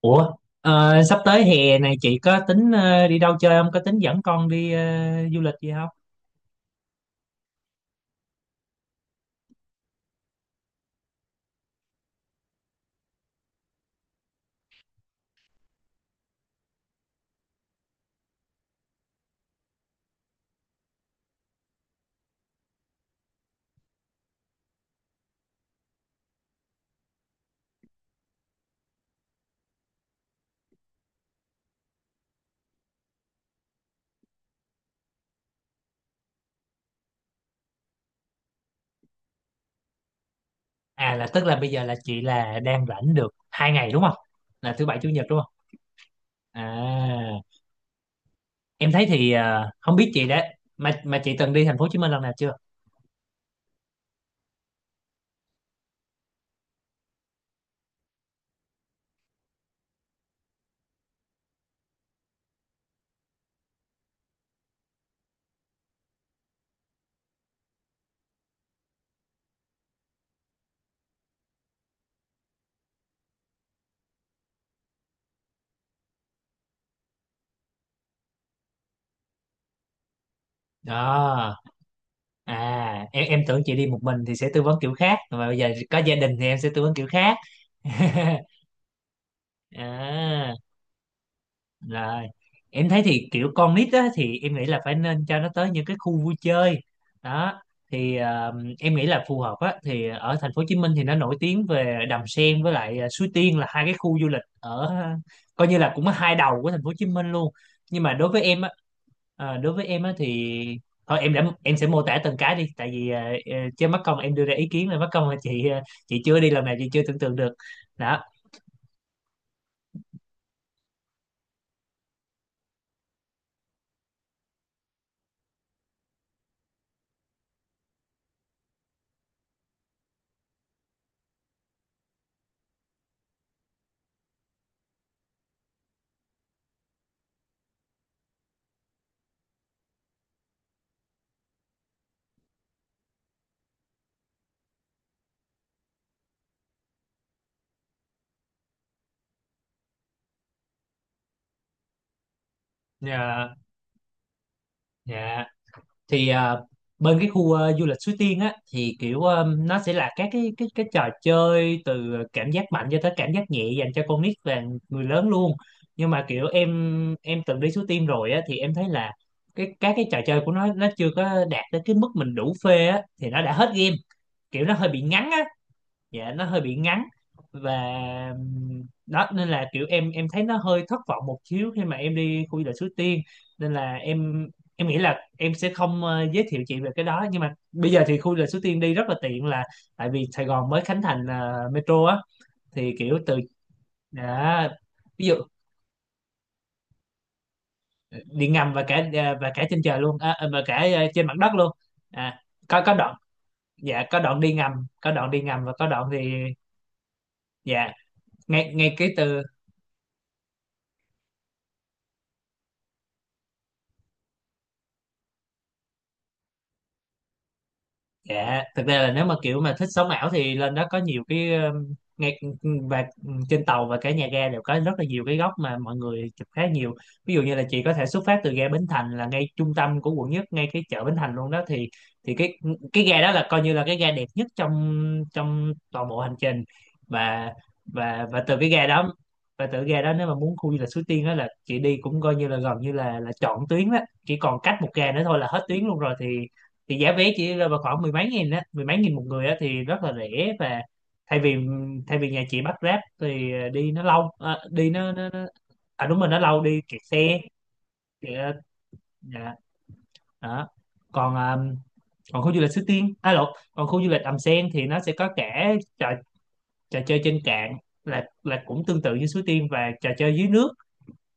Ủa, sắp tới hè này chị có tính đi đâu chơi không? Có tính dẫn con đi du lịch gì không? À là tức là bây giờ là chị là đang rảnh được 2 ngày đúng không? Là thứ bảy chủ nhật đúng không? À, em thấy thì không biết chị đã mà chị từng đi thành phố Hồ Chí Minh lần nào chưa? Đó. À, em tưởng chị đi một mình thì sẽ tư vấn kiểu khác, mà bây giờ có gia đình thì em sẽ tư vấn kiểu khác. À. Rồi. Em thấy thì kiểu con nít á, thì em nghĩ là phải nên cho nó tới những cái khu vui chơi đó thì em nghĩ là phù hợp á thì ở thành phố Hồ Chí Minh thì nó nổi tiếng về Đầm Sen với lại Suối Tiên là hai cái khu du lịch ở coi như là cũng ở hai đầu của thành phố Hồ Chí Minh luôn. Nhưng mà đối với em á thì thôi em đã em sẽ mô tả từng cái đi tại vì chứ mắc công em đưa ra ý kiến là mắc công là chị chưa đi lần nào chị chưa tưởng tượng được đó. Ờ. Dạ. Thì bên cái khu du lịch Suối Tiên á thì kiểu nó sẽ là các cái trò chơi từ cảm giác mạnh cho tới cảm giác nhẹ dành cho con nít và người lớn luôn. Nhưng mà kiểu em từng đi Suối Tiên rồi á thì em thấy là các cái trò chơi của nó chưa có đạt tới cái mức mình đủ phê á thì nó đã hết game, kiểu nó hơi bị ngắn á. Dạ, nó hơi bị ngắn. Và đó nên là kiểu em thấy nó hơi thất vọng một xíu khi mà em đi khu du lịch Suối Tiên. Nên là em nghĩ là em sẽ không giới thiệu chị về cái đó, nhưng mà bây giờ thì khu du lịch Suối Tiên đi rất là tiện là tại vì Sài Gòn mới khánh thành metro á. Thì kiểu từ đã ví dụ ờ, đi ngầm và cả trên trời luôn, và cả trên mặt đất luôn. À, có đoạn dạ, có đoạn đi ngầm, có đoạn đi ngầm và có đoạn thì. Dạ, ngay ngay cái từ. Dạ, thực ra là nếu mà kiểu mà thích sống ảo thì lên đó có nhiều cái, ngay và trên tàu và cả nhà ga đều có rất là nhiều cái góc mà mọi người chụp khá nhiều. Ví dụ như là chị có thể xuất phát từ ga Bến Thành là ngay trung tâm của quận nhất, ngay cái chợ Bến Thành luôn đó thì, thì cái ga đó là coi như là cái ga đẹp nhất trong trong toàn bộ hành trình. Và và từ cái ga đó và từ cái ga đó nếu mà muốn khu du lịch Suối Tiên đó là chị đi cũng coi như là gần như là trọn tuyến đó, chỉ còn cách một ga nữa thôi là hết tuyến luôn rồi, thì giá vé chỉ rơi vào khoảng mười mấy nghìn á, mười mấy nghìn một người á, thì rất là rẻ. Và thay vì thay vì nhà chị bắt Grab thì đi nó lâu, đi nó. À, đúng rồi nó lâu đi kẹt xe. Kẹt, dạ, đó. còn ờ, còn khu du lịch Suối Tiên à lộn còn khu du lịch Đầm Sen thì nó sẽ có cả trò, trò chơi trên cạn là cũng tương tự như Suối Tiên và trò chơi dưới nước.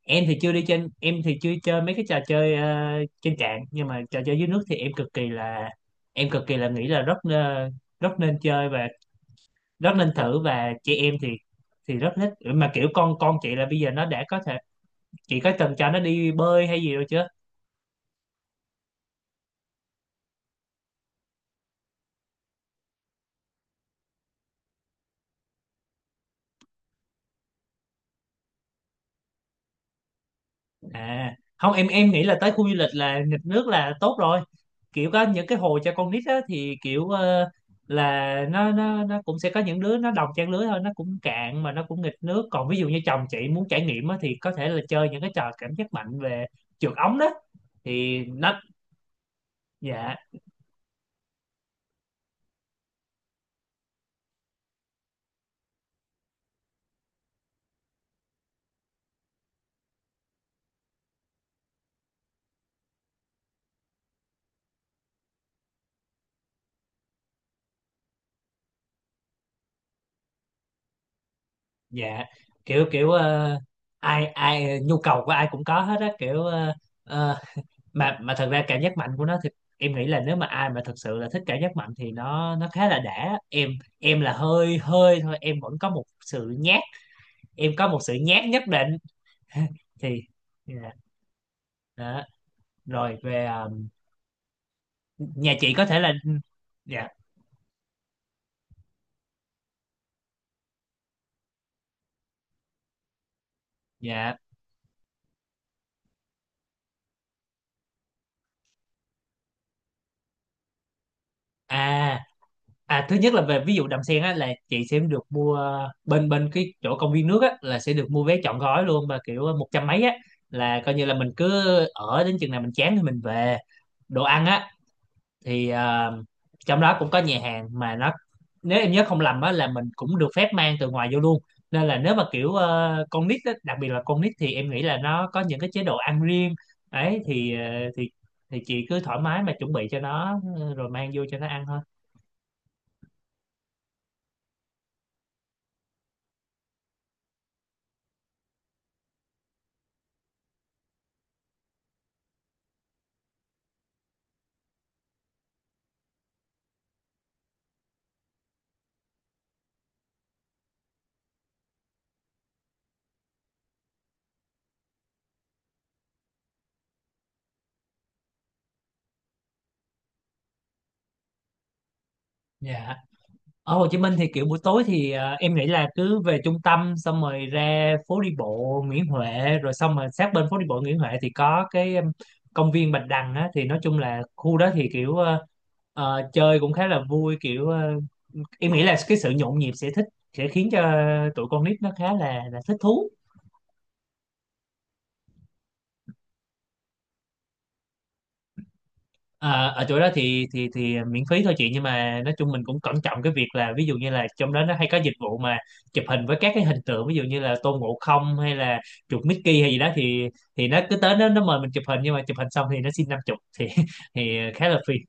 Em thì chưa đi trên Em thì chưa chơi mấy cái trò chơi trên cạn, nhưng mà trò chơi dưới nước thì em cực kỳ là nghĩ là rất, rất nên chơi và rất nên thử. Và chị em thì rất thích. Mà kiểu con chị là bây giờ nó đã có thể, chị có từng cho nó đi bơi hay gì rồi chưa? À không, em nghĩ là tới khu du lịch là nghịch nước là tốt rồi. Kiểu có những cái hồ cho con nít á thì kiểu là nó cũng sẽ có những đứa nó đồng trang lứa thôi, nó cũng cạn mà nó cũng nghịch nước. Còn ví dụ như chồng chị muốn trải nghiệm á thì có thể là chơi những cái trò cảm giác mạnh về trượt ống đó thì dạ, dạ, kiểu kiểu ai ai nhu cầu của ai cũng có hết á, kiểu ờ, mà thật ra cảm giác mạnh của nó thì em nghĩ là nếu mà ai mà thật sự là thích cảm giác mạnh thì nó khá là đã. Em là hơi hơi thôi, em vẫn có một sự nhát em có một sự nhát nhất định thì. Dạ, đó. Rồi về nhà chị có thể là. Dạ, dạ, à à, thứ nhất là về ví dụ đầm sen á là chị sẽ được mua bên bên cái chỗ công viên nước á là sẽ được mua vé trọn gói luôn mà kiểu một trăm mấy á, là coi như là mình cứ ở đến chừng nào mình chán thì mình về. Đồ ăn á thì trong đó cũng có nhà hàng mà nó, nếu em nhớ không lầm á là mình cũng được phép mang từ ngoài vô luôn. Nên là nếu mà kiểu con nít á, đặc biệt là con nít thì em nghĩ là nó có những cái chế độ ăn riêng ấy thì thì chị cứ thoải mái mà chuẩn bị cho nó rồi mang vô cho nó ăn thôi. Dạ, ở Hồ Chí Minh thì kiểu buổi tối thì em nghĩ là cứ về trung tâm xong rồi ra phố đi bộ Nguyễn Huệ, rồi xong rồi sát bên phố đi bộ Nguyễn Huệ thì có cái, công viên Bạch Đằng á. Thì nói chung là khu đó thì kiểu chơi cũng khá là vui, kiểu em nghĩ là cái sự nhộn nhịp sẽ khiến cho tụi con nít nó khá là thích thú. À, ở chỗ đó thì miễn phí thôi chị, nhưng mà nói chung mình cũng cẩn trọng cái việc là ví dụ như là trong đó nó hay có dịch vụ mà chụp hình với các cái hình tượng, ví dụ như là Tôn Ngộ Không hay là chuột Mickey hay gì đó thì, nó cứ tới nó mời mình chụp hình, nhưng mà chụp hình xong thì nó xin 50 thì thì khá là phiền.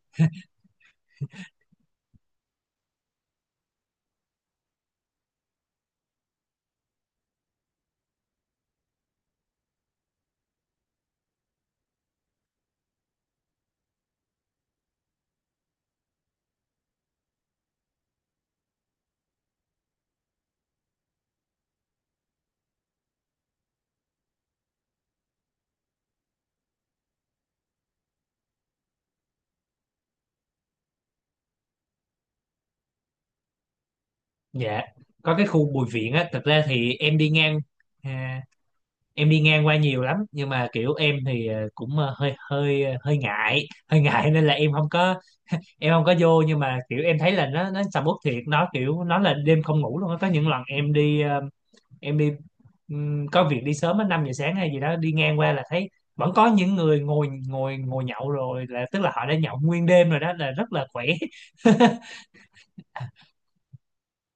Dạ, có cái khu Bùi Viện á. Thực ra thì à, em đi ngang qua nhiều lắm, nhưng mà kiểu em thì cũng hơi hơi hơi ngại hơi ngại nên là em không có vô. Nhưng mà kiểu em thấy là nó sầm uất thiệt, nó kiểu nó là đêm không ngủ luôn á. Có những lần em đi, có việc đi sớm á 5 giờ sáng hay gì đó đi ngang qua là thấy vẫn có những người ngồi ngồi ngồi nhậu rồi, là tức là họ đã nhậu nguyên đêm rồi đó là rất là khỏe.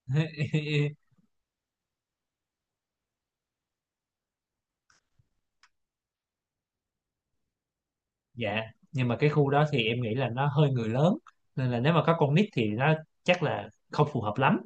Dạ, nhưng mà cái khu đó thì em nghĩ là nó hơi người lớn, nên là nếu mà có con nít thì nó chắc là không phù hợp lắm.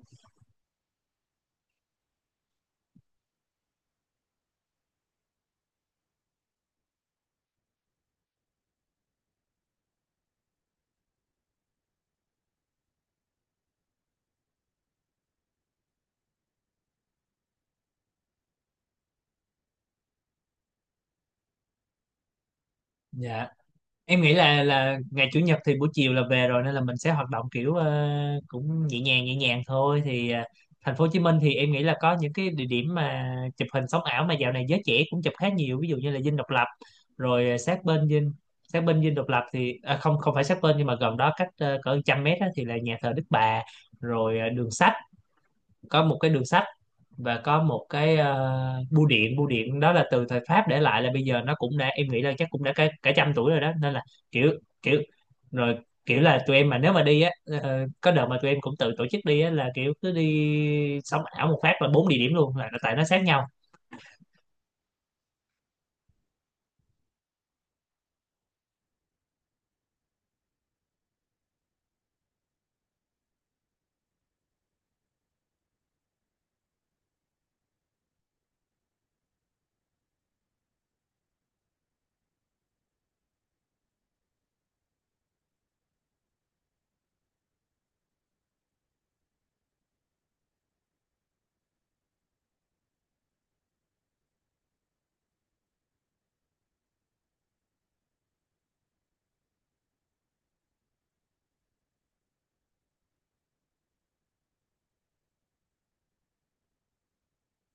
Dạ, em nghĩ là ngày chủ nhật thì buổi chiều là về rồi nên là mình sẽ hoạt động kiểu cũng nhẹ nhàng thôi, thì thành phố Hồ Chí Minh thì em nghĩ là có những cái địa điểm mà chụp hình sống ảo mà dạo này giới trẻ cũng chụp khá nhiều, ví dụ như là Dinh Độc Lập, rồi sát bên Dinh Độc Lập thì không không phải sát bên nhưng mà gần đó cách cỡ 100 mét á thì là nhà thờ Đức Bà, rồi đường sách có một cái đường sách và có một cái bưu điện đó là từ thời Pháp để lại, là bây giờ nó cũng đã, em nghĩ là chắc cũng đã cả trăm tuổi rồi đó nên là kiểu kiểu rồi, kiểu là tụi em mà nếu mà đi á, có đợt mà tụi em cũng tự tổ chức đi á là kiểu cứ đi sống ảo một phát là bốn địa điểm luôn là tại nó sát nhau.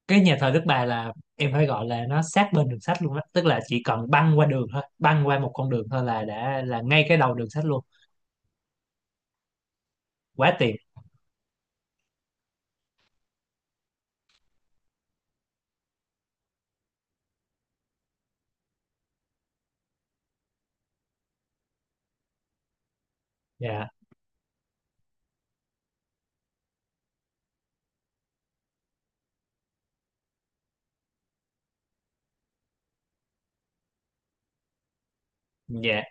Cái nhà thờ Đức Bà là em phải gọi là nó sát bên đường sắt luôn á, tức là chỉ cần băng qua một con đường thôi là đã là ngay cái đầu đường sắt luôn. Quá tiền. Dạ, dạ,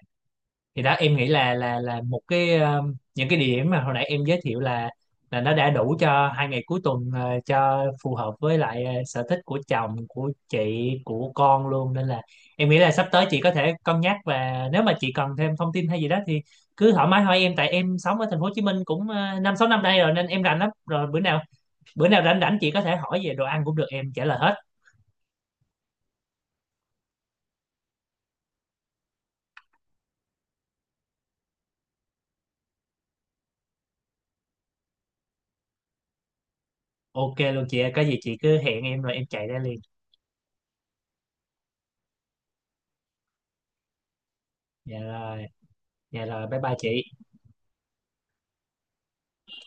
thì đó em nghĩ là những cái địa điểm mà hồi nãy em giới thiệu là nó đã đủ cho 2 ngày cuối tuần cho phù hợp với lại sở thích của chồng, của chị, của con luôn. Nên là em nghĩ là sắp tới chị có thể cân nhắc và nếu mà chị cần thêm thông tin hay gì đó thì cứ thoải mái hỏi em, tại em sống ở thành phố Hồ Chí Minh cũng 5, 6 năm nay rồi nên em rành lắm rồi. Bữa nào rảnh rảnh chị có thể hỏi về đồ ăn cũng được, em trả lời hết. OK luôn chị ơi, có gì chị cứ hẹn em rồi em chạy ra liền. Dạ rồi, dạ rồi, bye bye chị.